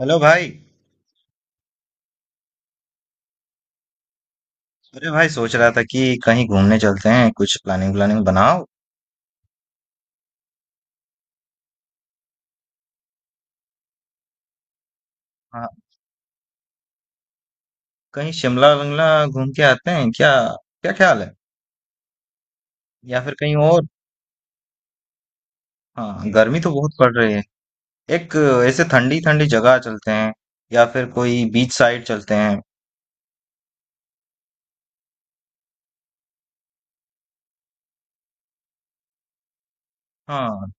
Hello भाई। अरे भाई, सोच रहा था कि कहीं घूमने चलते हैं, कुछ प्लानिंग व्लानिंग बनाओ। हाँ, कहीं शिमला विमला घूम के आते हैं क्या? क्या ख्याल है? या फिर कहीं और? हाँ, गर्मी तो बहुत पड़ रही है। एक ऐसे ठंडी ठंडी जगह चलते हैं, या फिर कोई बीच साइड चलते हैं। हाँ।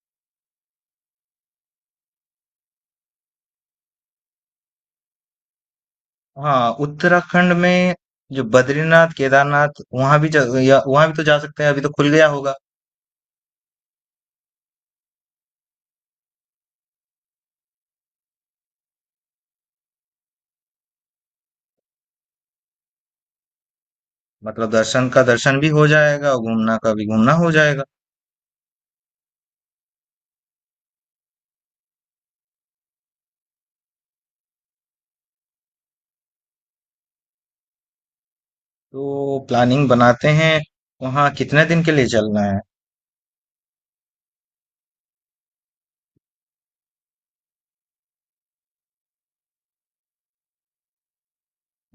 हाँ उत्तराखंड में जो बद्रीनाथ केदारनाथ, वहां भी या वहां भी तो जा सकते हैं, अभी तो खुल गया होगा। मतलब दर्शन का दर्शन भी हो जाएगा, घूमना का भी घूमना हो जाएगा। तो प्लानिंग बनाते हैं, वहाँ कितने दिन के लिए चलना है?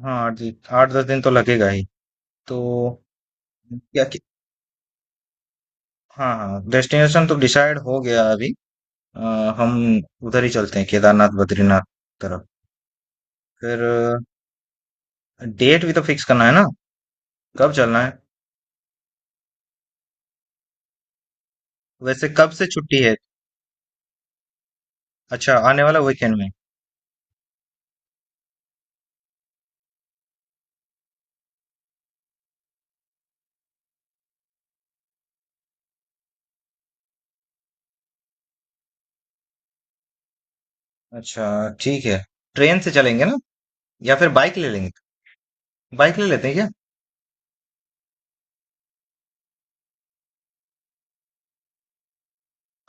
हाँ, 8-10 दिन तो लगेगा ही। तो क्या कि, हाँ, हाँ, डेस्टिनेशन तो डिसाइड हो गया अभी। अ, हम उधर ही चलते हैं, केदारनाथ बद्रीनाथ तरफ। फिर डेट भी तो फिक्स करना है ना, कब चलना है? वैसे कब से छुट्टी है? अच्छा, आने वाला वीकेंड में। अच्छा, ठीक है। ट्रेन से चलेंगे ना, या फिर बाइक ले लेंगे? बाइक ले लेते हैं क्या?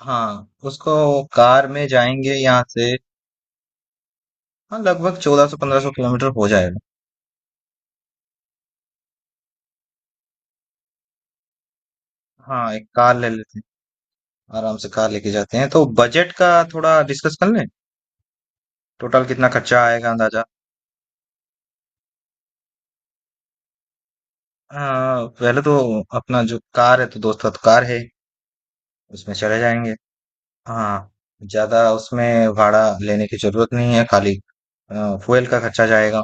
हाँ उसको, कार में जाएंगे यहाँ से। हाँ, लगभग 1400-1500 किलोमीटर हो जाएगा। हाँ, एक कार ले लेते हैं आराम से। कार लेके जाते हैं तो बजट का थोड़ा डिस्कस कर लें, टोटल कितना खर्चा आएगा अंदाजा? हाँ, पहले तो अपना जो कार है, तो दोस्त का तो कार है, उसमें चले जाएंगे। हाँ, ज्यादा उसमें भाड़ा लेने की जरूरत नहीं है, खाली फ्यूल का खर्चा जाएगा।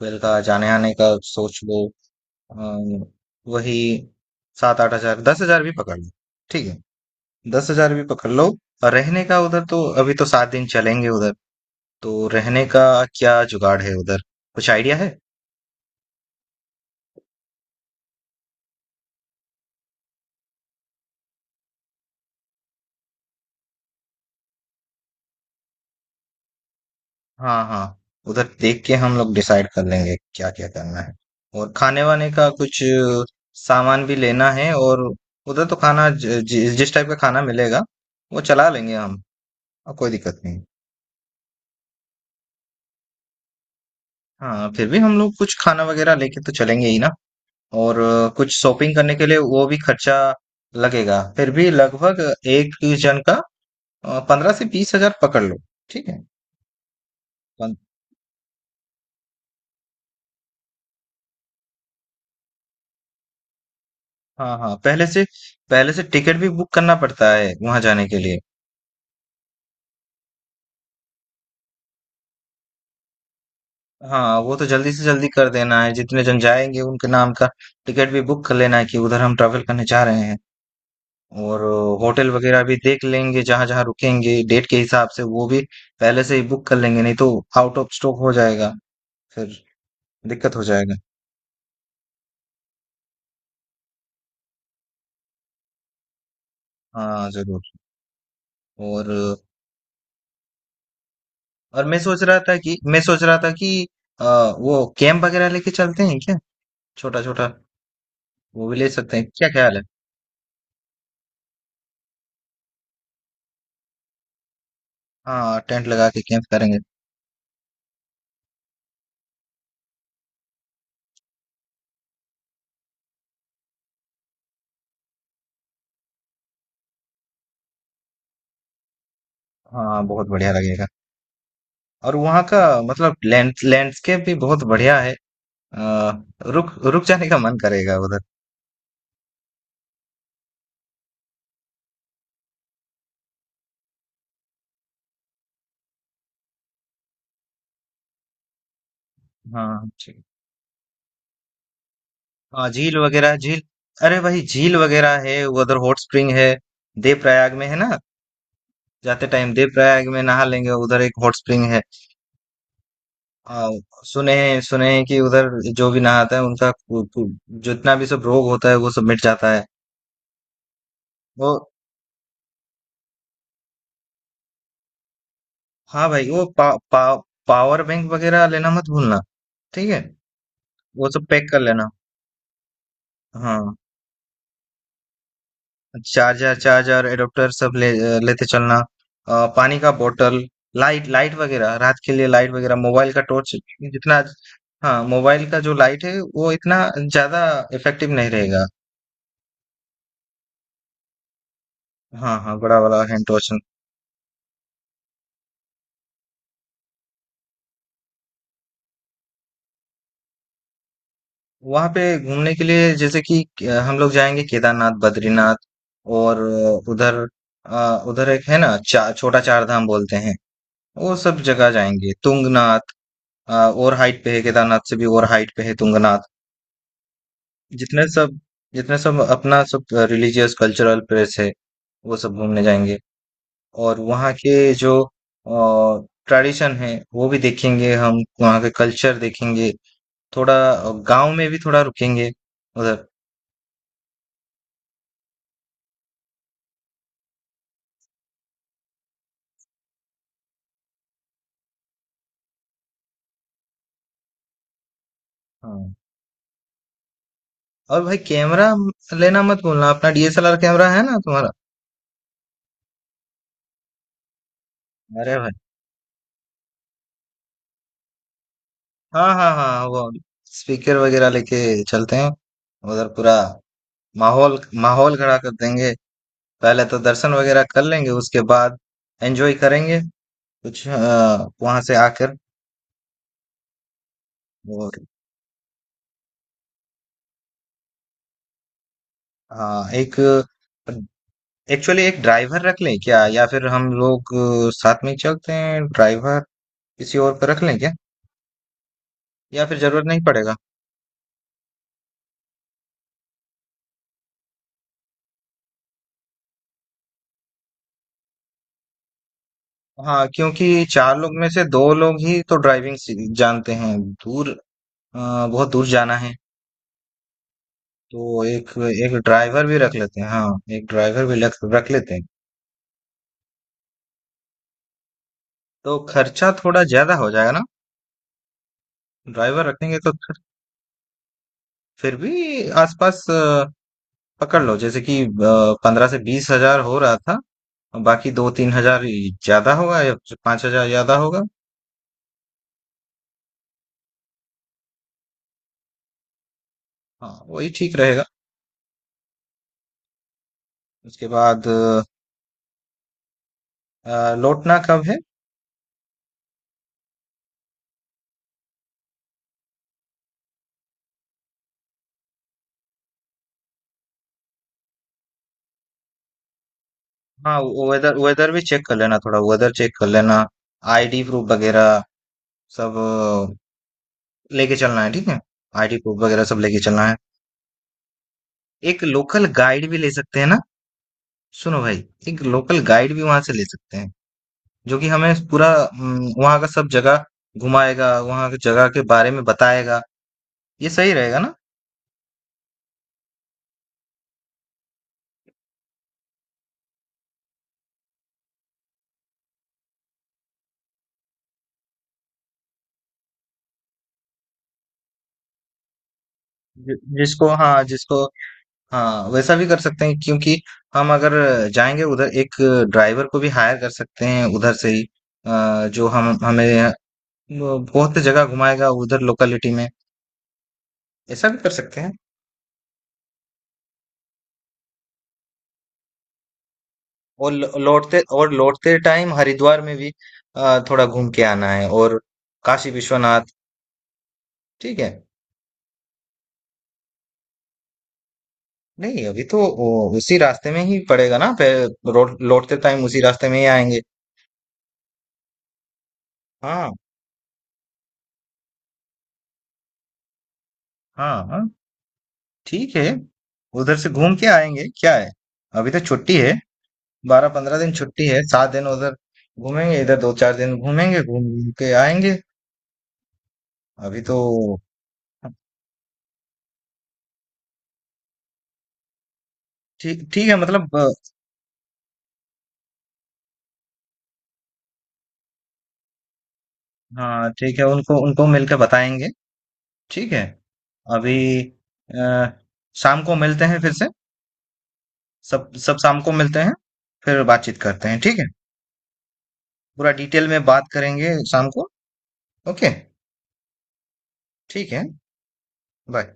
फ्यूल का जाने आने का सोच लो। अ, वही सात आठ हजार, दस हजार भी पकड़ लो। ठीक है, 10 हजार भी पकड़ लो। और रहने का उधर, तो अभी तो 7 दिन चलेंगे उधर, तो रहने का क्या जुगाड़ है उधर? कुछ आइडिया है? हाँ, हाँ, उधर देख के हम लोग डिसाइड कर लेंगे क्या क्या करना है। और खाने वाने का कुछ सामान भी लेना है। और उधर तो खाना जिस टाइप का खाना मिलेगा वो चला लेंगे हम, और कोई दिक्कत नहीं। हाँ, फिर भी हम लोग कुछ खाना वगैरह लेके तो चलेंगे ही ना। और कुछ शॉपिंग करने के लिए वो भी खर्चा लगेगा। फिर भी लगभग एक जन का 15 से 20 हजार पकड़ लो। ठीक है। पन- हाँ, हाँ, पहले से, पहले से टिकट भी बुक करना पड़ता है वहां जाने के लिए। हाँ, वो तो जल्दी से जल्दी कर देना है, जितने जन जाएंगे उनके नाम का टिकट भी बुक कर लेना है कि उधर हम ट्रैवल करने जा रहे हैं। और होटल वगैरह भी देख लेंगे, जहां जहां रुकेंगे डेट के हिसाब से, वो भी पहले से ही बुक कर लेंगे, नहीं तो आउट ऑफ स्टॉक हो जाएगा, फिर दिक्कत हो जाएगा। हाँ जरूर। और और मैं सोच रहा था कि अ, वो कैंप वगैरह लेके चलते हैं क्या? छोटा छोटा वो भी ले सकते हैं, क्या ख्याल है? हाँ, टेंट लगा के कैंप करेंगे। हाँ, बहुत बढ़िया लगेगा। और वहाँ का मतलब लैंडस्केप भी बहुत बढ़िया है। आ, रुक रुक जाने का मन करेगा उधर। हाँ ठीक। हाँ झील वगैरह, झील अरे वही झील वगैरह है उधर। हॉट स्प्रिंग है देव प्रयाग में है ना। जाते टाइम देव प्रयाग में नहा लेंगे, उधर एक हॉट स्प्रिंग है। आ, सुने हैं, सुने हैं कि उधर जो भी नहाता है उनका कु- कु- जितना भी सब रोग होता है वो सब मिट जाता है। वो हाँ भाई, वो पा, पा, पावर बैंक वगैरह लेना मत भूलना, ठीक है? वो सब पैक कर लेना। हाँ, चार्जर, एडोप्टर सब ले लेते चलना। पानी का बोतल, लाइट लाइट वगैरह रात के लिए, लाइट वगैरह मोबाइल का टॉर्च। जितना, हाँ, मोबाइल का जो लाइट है वो इतना ज्यादा इफेक्टिव नहीं रहेगा। हाँ, हाँ, बड़ा वाला हैंड टॉर्च। वहां पे घूमने के लिए जैसे कि हम लोग जाएंगे केदारनाथ बद्रीनाथ और उधर एक है ना, छोटा चार धाम बोलते हैं, वो सब जगह जाएंगे तुंगनाथ। और हाइट पे है केदारनाथ से भी, और हाइट पे है तुंगनाथ। जितने सब जितने सब अपना सब रिलीजियस कल्चरल प्लेस है वो सब घूमने जाएंगे। और वहाँ के जो ट्रेडिशन है वो भी देखेंगे, हम वहाँ के कल्चर देखेंगे थोड़ा। गांव में भी थोड़ा रुकेंगे उधर। हाँ। और भाई, कैमरा लेना मत भूलना, अपना डीएसएलआर कैमरा है ना तुम्हारा? अरे भाई, हाँ, हाँ, हाँ, वो स्पीकर वगैरह लेके चलते हैं उधर, पूरा माहौल, माहौल खड़ा कर देंगे। पहले तो दर्शन वगैरह कर लेंगे, उसके बाद एंजॉय करेंगे कुछ वहां से आकर। और अ, एक एक्चुअली एक ड्राइवर रख लें क्या, या फिर हम लोग साथ में ही चलते हैं? ड्राइवर किसी और को रख लें क्या, या फिर जरूरत नहीं पड़ेगा? हाँ, क्योंकि 4 लोग में से 2 लोग ही तो ड्राइविंग जानते हैं। दूर, बहुत दूर जाना है। तो एक, एक ड्राइवर भी रख लेते हैं। हाँ, एक ड्राइवर भी रख रख लेते हैं। तो खर्चा थोड़ा ज्यादा हो जाएगा ना? ड्राइवर रखेंगे तो फिर भी आसपास, पकड़ लो, जैसे कि 15 से 20 हजार हो रहा था, और बाकी 2-3 हजार ही ज्यादा होगा या 5 हजार ज्यादा होगा। हाँ, वही ठीक रहेगा। उसके बाद लौटना कब है? हाँ, वेदर वेदर भी चेक कर लेना, थोड़ा वेदर चेक कर लेना। आईडी प्रूफ वगैरह सब लेके चलना है, ठीक है? आईडी प्रूफ वगैरह सब लेके चलना है। एक लोकल गाइड भी ले सकते हैं ना? सुनो भाई, एक लोकल गाइड भी वहां से ले सकते हैं जो कि हमें पूरा, वहाँ का सब जगह घुमाएगा, वहाँ की जगह के बारे में बताएगा। ये सही रहेगा ना? जिसको, हाँ, जिसको हाँ वैसा भी कर सकते हैं, क्योंकि हम अगर जाएंगे उधर, एक ड्राइवर को भी हायर कर सकते हैं उधर से ही, जो हम हमें वो बहुत जगह घुमाएगा उधर लोकेलिटी में। ऐसा भी कर सकते हैं। और लौटते और लौटते टाइम हरिद्वार में भी थोड़ा घूम के आना है, और काशी विश्वनाथ। ठीक है, नहीं अभी तो वो उसी रास्ते में ही पड़ेगा ना, पे रोड। लौटते टाइम उसी रास्ते में ही आएंगे। हाँ, हाँ, हाँ। ठीक है, उधर से घूम के आएंगे, क्या है, अभी तो छुट्टी है। 12-15 दिन छुट्टी है, 7 दिन उधर घूमेंगे, इधर 2-4 दिन घूमेंगे, घूम घूम के आएंगे अभी तो। ठीक, ठीक है, मतलब हाँ ठीक है, उनको, मिलकर बताएंगे। ठीक है। अभी अ, शाम को मिलते हैं फिर से, सब सब शाम को मिलते हैं। फिर बातचीत करते हैं, ठीक है। पूरा डिटेल में बात करेंगे शाम को। ओके, ठीक है। बाय।